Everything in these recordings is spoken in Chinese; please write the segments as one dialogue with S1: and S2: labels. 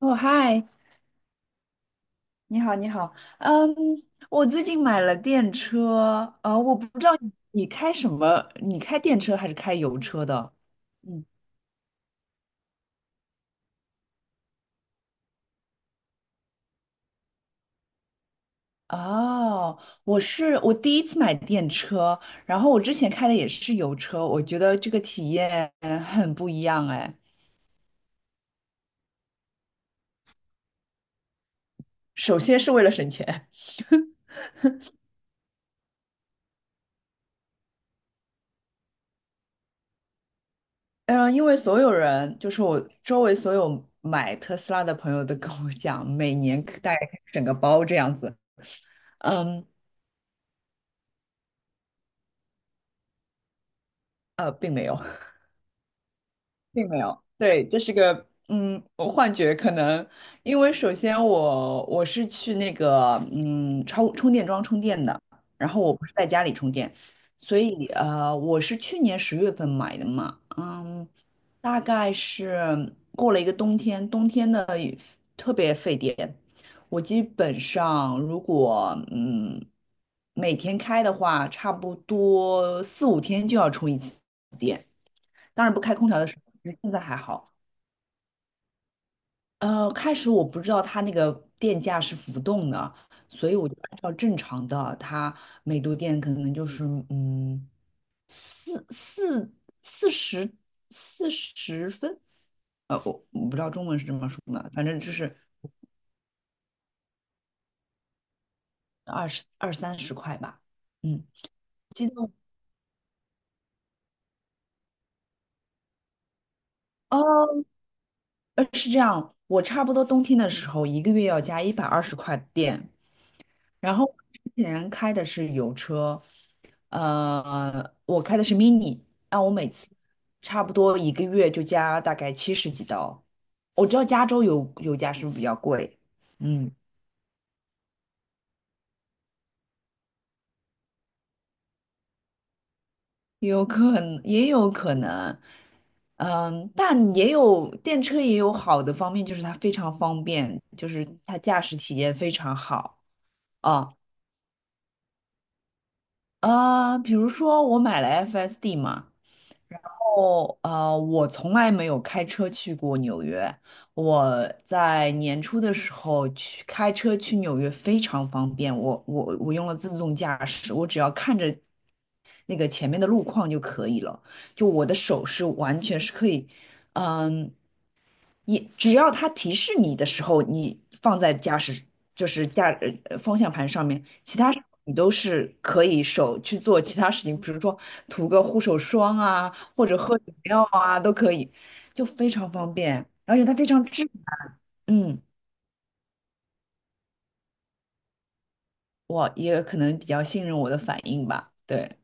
S1: 哦，嗨，你好，你好，嗯，我最近买了电车，我不知道你开什么，你开电车还是开油车的？嗯，哦，我第一次买电车，然后我之前开的也是油车，我觉得这个体验很不一样哎。首先是为了省钱，嗯，因为所有人，就是我周围所有买特斯拉的朋友都跟我讲，每年大概整个包这样子，嗯，并没有。并没有，对，这是个我幻觉可能，因为首先我是去那个超充电桩充电的，然后我不是在家里充电，所以我是去年10月份买的嘛，嗯，大概是过了一个冬天，冬天呢特别费电，我基本上如果每天开的话，差不多四五天就要充一次电。当然不开空调的时候，现在还好。开始我不知道它那个电价是浮动的，所以我就按照正常的，它每度电可能就是嗯四四四十40分，我不知道中文是这么说的，反正就是二十二三十块吧。嗯，激动哦，是这样，我差不多冬天的时候一个月要加120块电，然后之前开的是油车，我开的是 mini，那我每次差不多一个月就加大概70几刀。我知道加州油价是不是比较贵？嗯，有可能，也有可能，嗯，但也有电车也有好的方面，就是它非常方便，就是它驾驶体验非常好啊。比如说我买了 FSD 嘛。哦，我从来没有开车去过纽约。我在年初的时候去开车去纽约非常方便，我用了自动驾驶，我只要看着那个前面的路况就可以了。就我的手是完全是可以，嗯，也只要它提示你的时候，你放在驾驶就是驾呃呃方向盘上面，你都是可以手去做其他事情，比如说涂个护手霜啊，或者喝饮料啊，都可以，就非常方便，而且它非常智，嗯，我也可能比较信任我的反应吧，对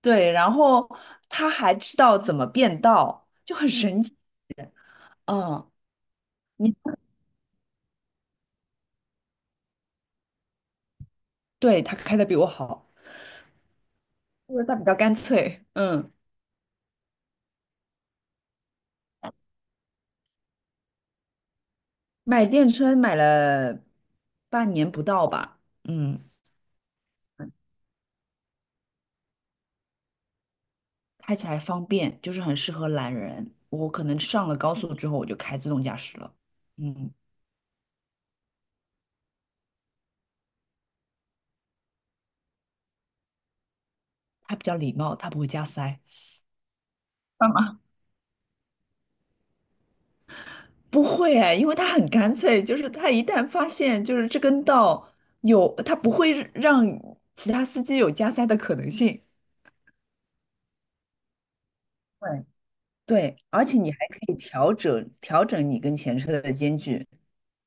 S1: 对，然后他还知道怎么变道，就很神奇，嗯，你对他开的比我好，因为他比较干脆，嗯，买电车买了半年不到吧，嗯。开起来方便，就是很适合懒人。我可能上了高速之后，我就开自动驾驶了。嗯，它比较礼貌，它不会加塞。干嘛？不会哎，因为它很干脆，就是它一旦发现就是这根道有，它不会让其他司机有加塞的可能性。对，对，而且你还可以调整调整你跟前车的间距，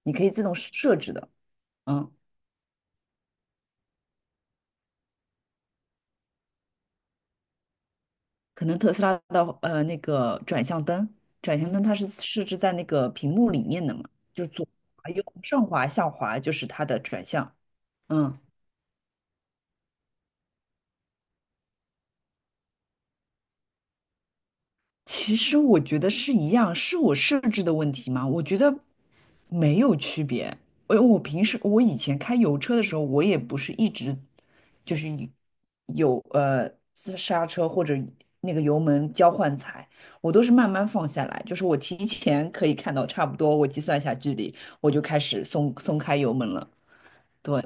S1: 你可以自动设置的。嗯。可能特斯拉的那个转向灯，转向灯它是设置在那个屏幕里面的嘛，就是左滑右上滑下滑就是它的转向，嗯。其实我觉得是一样，是我设置的问题吗？我觉得没有区别。我平时我以前开油车的时候，我也不是一直就是一有自刹车或者那个油门交换踩，我都是慢慢放下来，就是我提前可以看到差不多，我计算一下距离，我就开始松开油门了。对，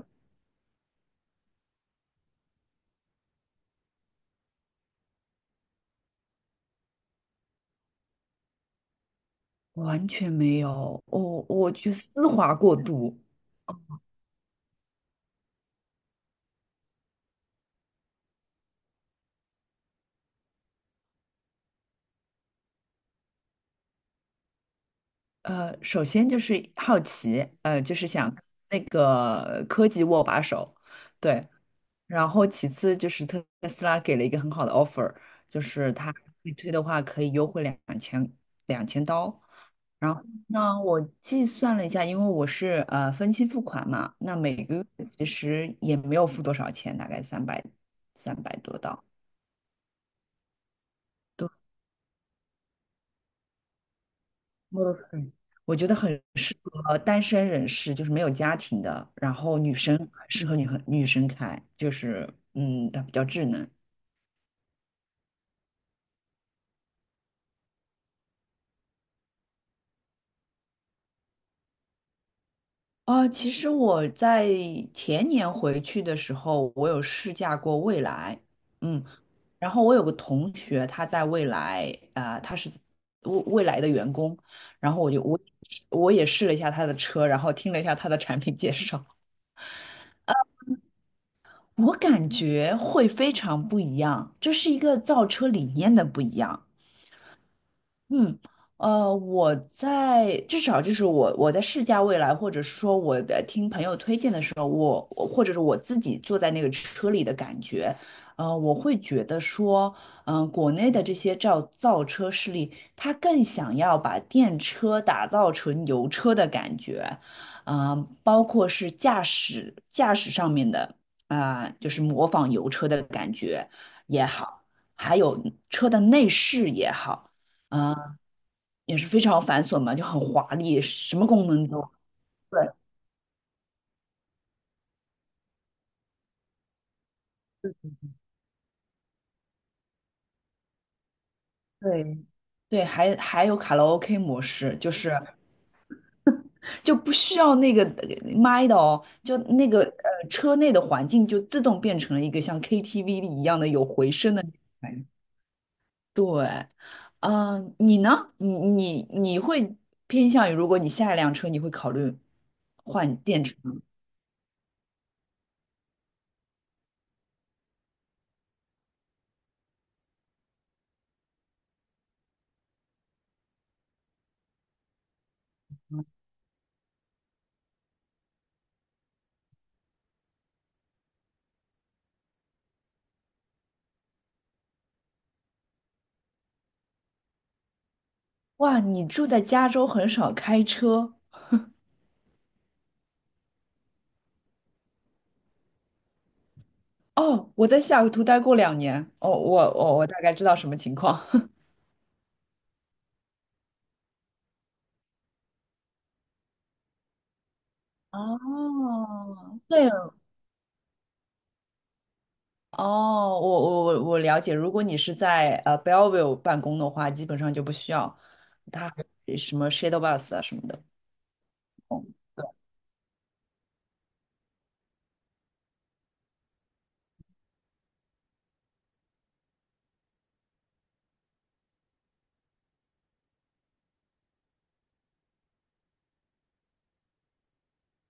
S1: 完全没有，我去丝滑过度。首先就是好奇，就是想那个科技握把手，对。然后其次就是特斯拉给了一个很好的 offer，就是它预推的话可以优惠两千刀。然后呢，我计算了一下，因为我是分期付款嘛，那每个月其实也没有付多少钱，大概300多刀。哇塞，我觉得很适合单身人士，就是没有家庭的，然后女生很适合女生开，就是它比较智能。啊。其实我在前年回去的时候，我有试驾过蔚来，嗯，然后我有个同学，他在蔚来，啊、他是蔚来的员工，然后我我也试了一下他的车，然后听了一下他的产品介绍，我感觉会非常不一样，这是一个造车理念的不一样。嗯，我在至少就是我在试驾未来，或者是说听朋友推荐的时候，我或者是我自己坐在那个车里的感觉，我会觉得说，国内的这些造车势力，他更想要把电车打造成油车的感觉，包括是驾驶上面的啊、就是模仿油车的感觉也好，还有车的内饰也好。呃也是非常繁琐嘛，就很华丽，什么功能都有对对对，还有卡拉 OK 模式，就不需要那个麦的哦，就那个车内的环境就自动变成了一个像 KTV 一样的有回声的那种感觉对，嗯、你呢？你会偏向于，如果你下一辆车，你会考虑换电池吗？哇，你住在加州，很少开车，哦，我在西雅图待过两年，哦，我大概知道什么情况。哦，对了，哦，我了解。如果你是在Bellevue 办公的话，基本上就不需要它还有什么 shuttle bus 啊什么的。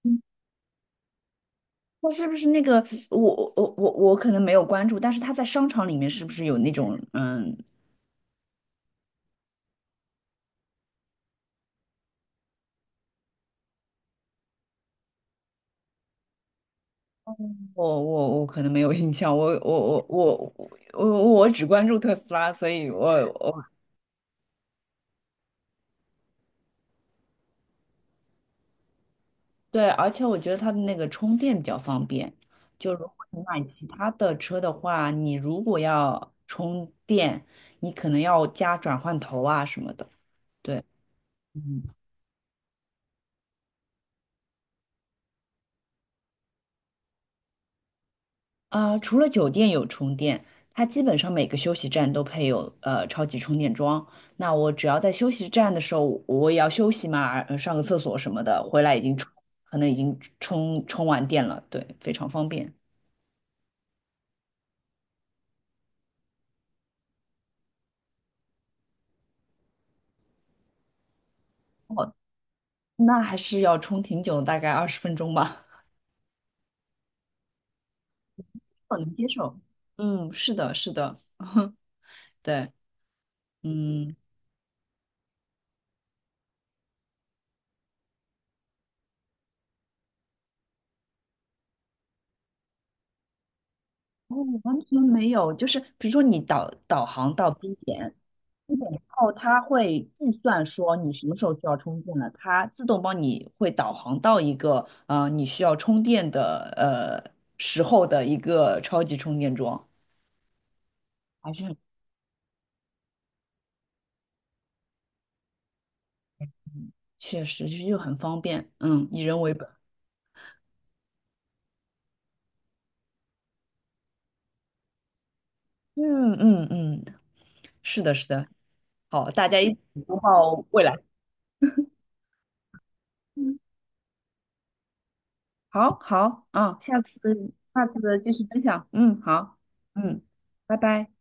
S1: 嗯那是不是那个我可能没有关注，但是他在商场里面是不是有那种嗯？我可能没有印象，我只关注特斯拉，所以我对，而且我觉得它的那个充电比较方便。就如果你买其他的车的话，你如果要充电，你可能要加转换头啊什么的。对，嗯，啊、除了酒店有充电，它基本上每个休息站都配有超级充电桩。那我只要在休息站的时候，我也要休息嘛，上个厕所什么的，回来已经充，可能已经充完电了。对，非常方便。哦，那还是要充挺久，大概20分钟吧。我能接受。嗯，是的，是的，对，嗯，哦，完全没有，就是比如说你导航到 B 点，B 点之后它会计算说你什么时候需要充电了，它自动帮你会导航到一个你需要充电的时候的一个超级充电桩，还是很确实是又很方便，嗯，以人为本，嗯嗯嗯，是的，是的，好，大家一起拥抱未来。好好啊，下次下次继续分享。嗯，好，嗯，拜拜。